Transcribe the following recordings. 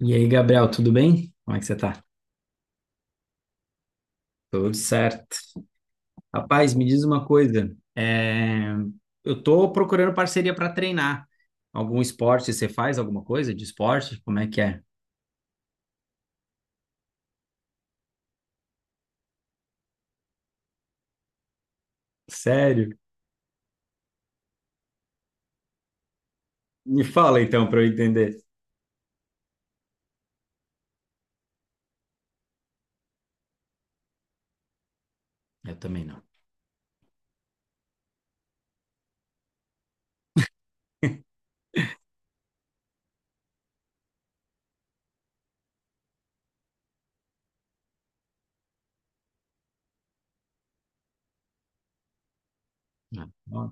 E aí, Gabriel, tudo bem? Como é que você tá? Tudo certo. Rapaz, me diz uma coisa. Eu tô procurando parceria para treinar. Algum esporte, você faz alguma coisa de esporte? Como é que é? Sério? Me fala então para eu entender. Eu também não. Não. Ó,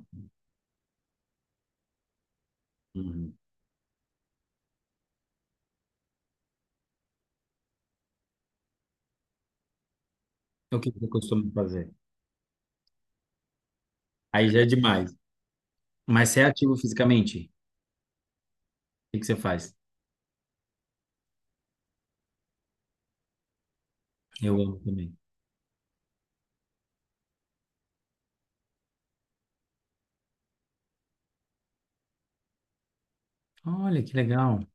uhum. O que que eu costumo fazer? Aí já é demais. Mas você é ativo fisicamente? O que que você faz? Eu amo também. Olha, que legal.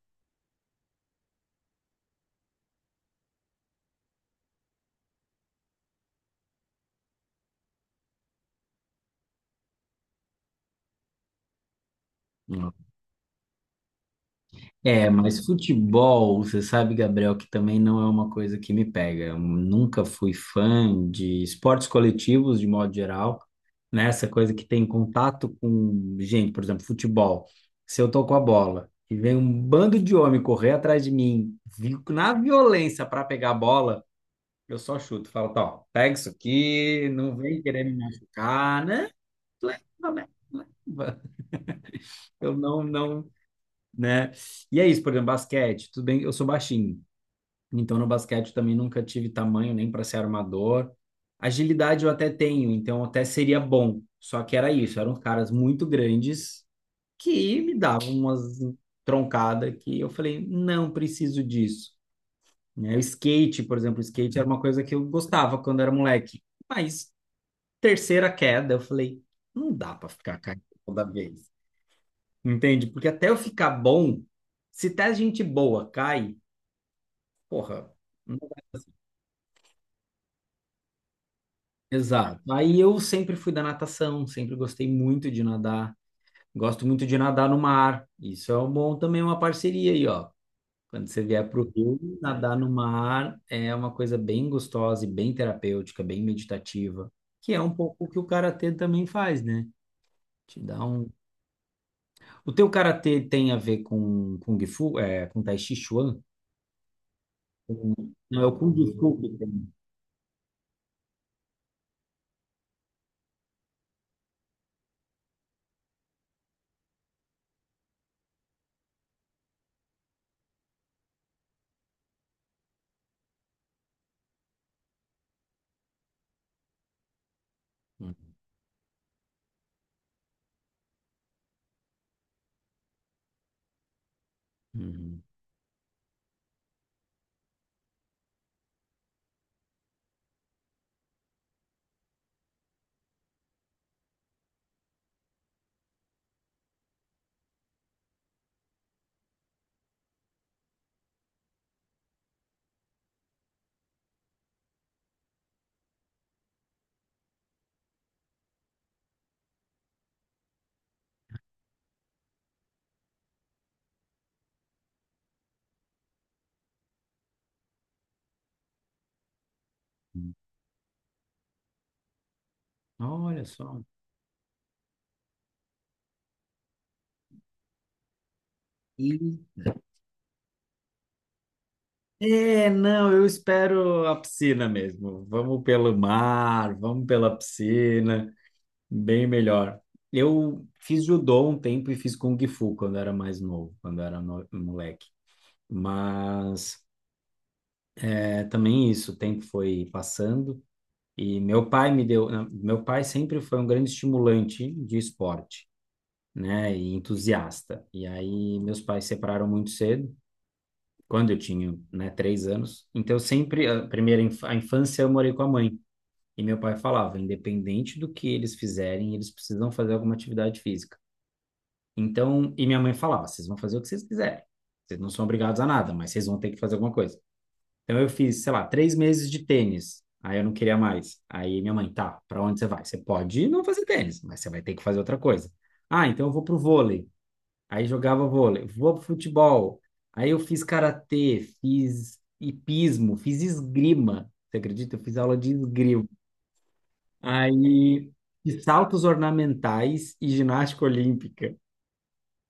É, mas futebol, você sabe, Gabriel, que também não é uma coisa que me pega. Eu nunca fui fã de esportes coletivos, de modo geral, né? Essa coisa que tem contato com gente, por exemplo, futebol. Se eu tô com a bola e vem um bando de homem correr atrás de mim, na violência para pegar a bola, eu só chuto. Falo, tá, ó, pega isso aqui, não vem querer me machucar, né? Leva, leva, leva. Eu não, não, né? E é isso, por exemplo, basquete, tudo bem, eu sou baixinho, então no basquete também nunca tive tamanho nem para ser armador. Agilidade eu até tenho, então até seria bom. Só que era isso, eram caras muito grandes que me davam umas troncadas, que eu falei, não preciso disso. Né? O skate, por exemplo, o skate era uma coisa que eu gostava quando era moleque. Mas terceira queda, eu falei, não dá para ficar caindo toda vez. Entende? Porque até eu ficar bom, se até gente boa cai, porra, não vai dar certo. Exato. Aí eu sempre fui da natação, sempre gostei muito de nadar. Gosto muito de nadar no mar. Isso é um bom, também é uma parceria aí, ó. Quando você vier para o Rio, nadar no mar é uma coisa bem gostosa e bem terapêutica, bem meditativa, que é um pouco o que o karatê também faz, né? Te dá um. O teu karatê tem a ver com Kung Fu, com Tai Chi Chuan? Não, é o Kung Fu que tem. Uhum. Olha só. E- É, não, eu espero a piscina mesmo. Vamos pelo mar, vamos pela piscina, bem melhor. Eu fiz judô um tempo e fiz kung fu quando era mais novo, quando era moleque. Mas é, também isso, o tempo foi passando e meu pai me deu, não, meu pai sempre foi um grande estimulante de esporte, né, e entusiasta. E aí meus pais se separaram muito cedo, quando eu tinha, né, 3 anos. Então, sempre, a primeira a infância, eu morei com a mãe. E meu pai falava, independente do que eles fizerem, eles precisam fazer alguma atividade física. Então, e minha mãe falava, vocês vão fazer o que vocês quiserem. Vocês não são obrigados a nada, mas vocês vão ter que fazer alguma coisa. Então, eu fiz, sei lá, 3 meses de tênis. Aí eu não queria mais. Aí minha mãe, tá, pra onde você vai? Você pode não fazer tênis, mas você vai ter que fazer outra coisa. Ah, então eu vou pro vôlei. Aí jogava vôlei, vou pro futebol. Aí eu fiz karatê, fiz hipismo, fiz esgrima. Você acredita? Eu fiz aula de esgrima. Aí fiz saltos ornamentais e ginástica olímpica.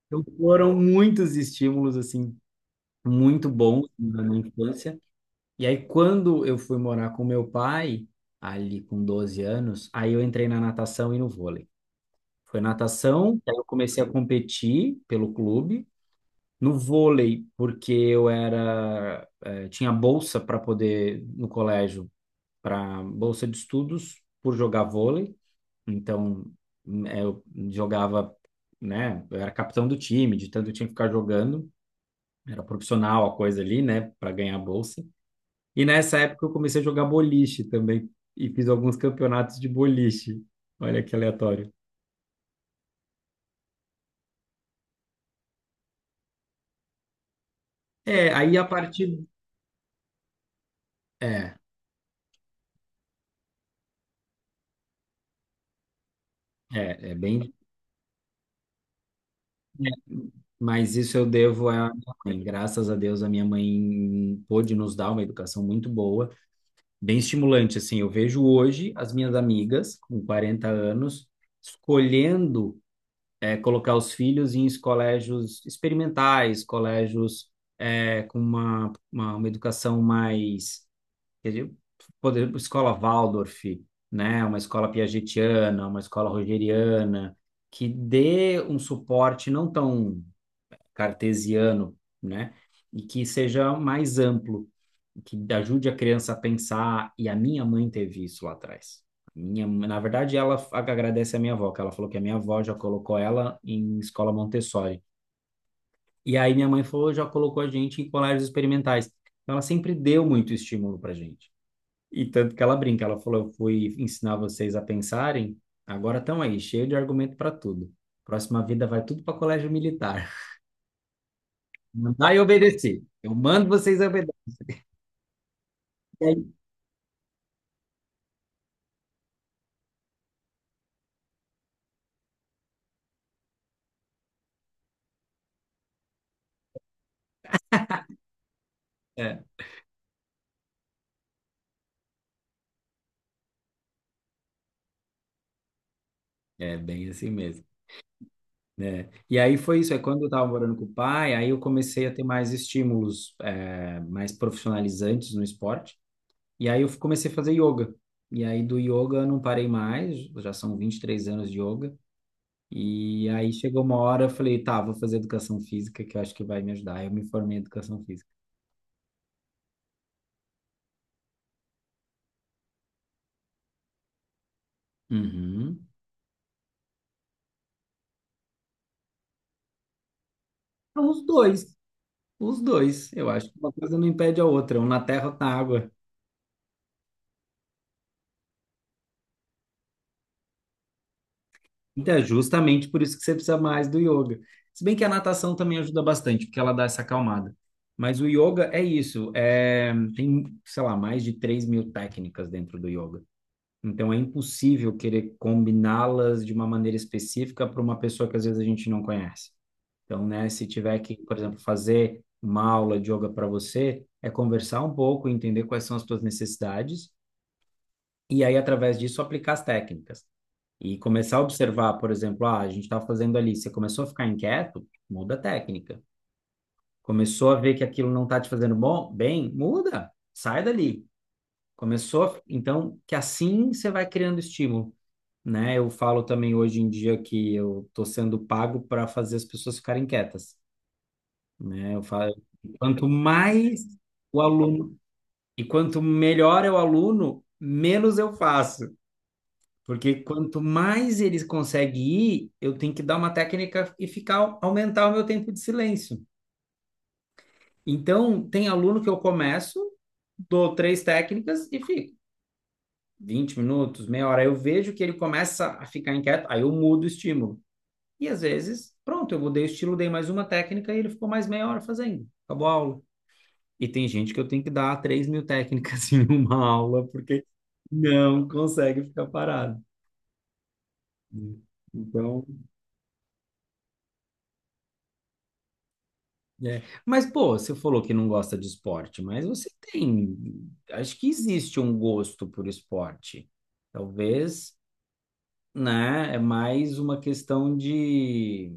Então foram muitos estímulos assim, muito bons na minha infância. E aí quando eu fui morar com meu pai, ali com 12 anos, aí eu entrei na natação e no vôlei. Foi natação, aí eu comecei a competir pelo clube, no vôlei, porque eu era, tinha bolsa para poder, no colégio, para bolsa de estudos por jogar vôlei. Então, eu jogava, né? Eu era capitão do time, de tanto eu tinha que ficar jogando. Era profissional a coisa ali, né? Para ganhar a bolsa. E nessa época eu comecei a jogar boliche também e fiz alguns campeonatos de boliche. Olha que aleatório. É, aí a partir. É, é bem. Mas isso eu devo à minha mãe. Graças a Deus, a minha mãe pôde nos dar uma educação muito boa, bem estimulante. Assim, eu vejo hoje as minhas amigas com 40 anos escolhendo colocar os filhos em colégios experimentais, colégios, com uma educação mais, quer dizer, poder, escola Waldorf, né? Uma escola Piagetiana, uma escola Rogeriana, que dê um suporte não tão cartesiano, né? E que seja mais amplo, que ajude a criança a pensar. E a minha mãe teve isso lá atrás. Minha, na verdade, ela agradece a minha avó, que ela falou que a minha avó já colocou ela em escola Montessori. E aí minha mãe falou, já colocou a gente em colégios experimentais. Então, ela sempre deu muito estímulo pra gente. E tanto que ela brinca, ela falou, eu fui ensinar vocês a pensarem, agora estão aí, cheio de argumento para tudo. Próxima vida vai tudo para colégio militar. Mandar e obedecer. Eu mando vocês obedecerem. É, é bem assim mesmo, né? E aí foi isso. É quando eu estava morando com o pai, aí eu comecei a ter mais estímulos, é, mais profissionalizantes no esporte. E aí eu comecei a fazer yoga. E aí do yoga eu não parei mais, já são 23 anos de yoga. E aí chegou uma hora, eu falei, tá, vou fazer educação física, que eu acho que vai me ajudar. Eu me formei em educação física. Uhum. Os dois, os dois. Eu acho que uma coisa não impede a outra, um na terra, outro na água. Então, é justamente por isso que você precisa mais do yoga. Se bem que a natação também ajuda bastante, porque ela dá essa acalmada. Mas o yoga é isso. É, tem, sei lá, mais de 3 mil técnicas dentro do yoga. Então, é impossível querer combiná-las de uma maneira específica para uma pessoa que às vezes a gente não conhece. Então, né, se tiver que, por exemplo, fazer uma aula de yoga para você, é conversar um pouco, entender quais são as suas necessidades e aí, através disso, aplicar as técnicas. E começar a observar, por exemplo, ah, a gente está fazendo ali, você começou a ficar inquieto, muda a técnica. Começou a ver que aquilo não está te fazendo bom, bem, muda, sai dali. Começou, então, que assim você vai criando estímulo, né? Eu falo também hoje em dia que eu estou sendo pago para fazer as pessoas ficarem quietas, né? Eu falo, quanto mais o aluno, e quanto melhor é o aluno, menos eu faço. Porque quanto mais eles conseguem ir, eu tenho que dar uma técnica e ficar aumentar o meu tempo de silêncio. Então, tem aluno que eu começo, dou três técnicas e fico 20 minutos, meia hora. Eu vejo que ele começa a ficar inquieto, aí eu mudo o estímulo. E às vezes, pronto, eu mudei o estilo, dei mais uma técnica e ele ficou mais meia hora fazendo. Acabou a aula. E tem gente que eu tenho que dar 3 mil técnicas em uma aula, porque não consegue ficar parado. Então, é. Mas, pô, você falou que não gosta de esporte, mas você tem. Acho que existe um gosto por esporte. Talvez, né? É mais uma questão de.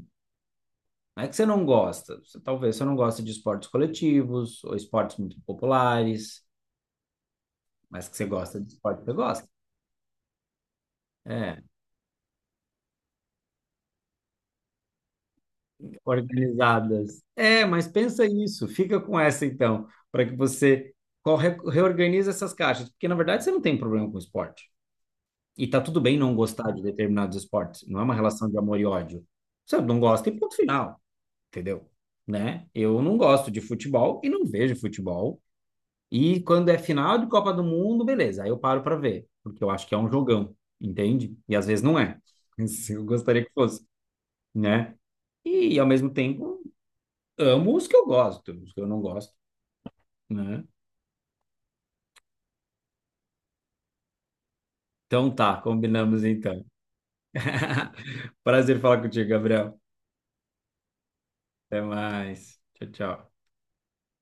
Não é que você não gosta. Você, talvez você não gosta de esportes coletivos ou esportes muito populares, mas que você gosta de esporte, você gosta. É, organizadas. É, mas pensa isso. Fica com essa, então, para que você reorganize essas caixas. Porque, na verdade, você não tem problema com esporte. E tá tudo bem não gostar de determinados esportes. Não é uma relação de amor e ódio. Você não gosta e ponto final, entendeu? Né? Eu não gosto de futebol e não vejo futebol. E quando é final de Copa do Mundo, beleza, aí eu paro pra ver, porque eu acho que é um jogão, entende? E às vezes não é. Isso, eu gostaria que fosse, né? E ao mesmo tempo, amo os que eu gosto, os que eu não gosto, né? Então tá, combinamos então. Prazer falar contigo, Gabriel. Até mais. Tchau, tchau.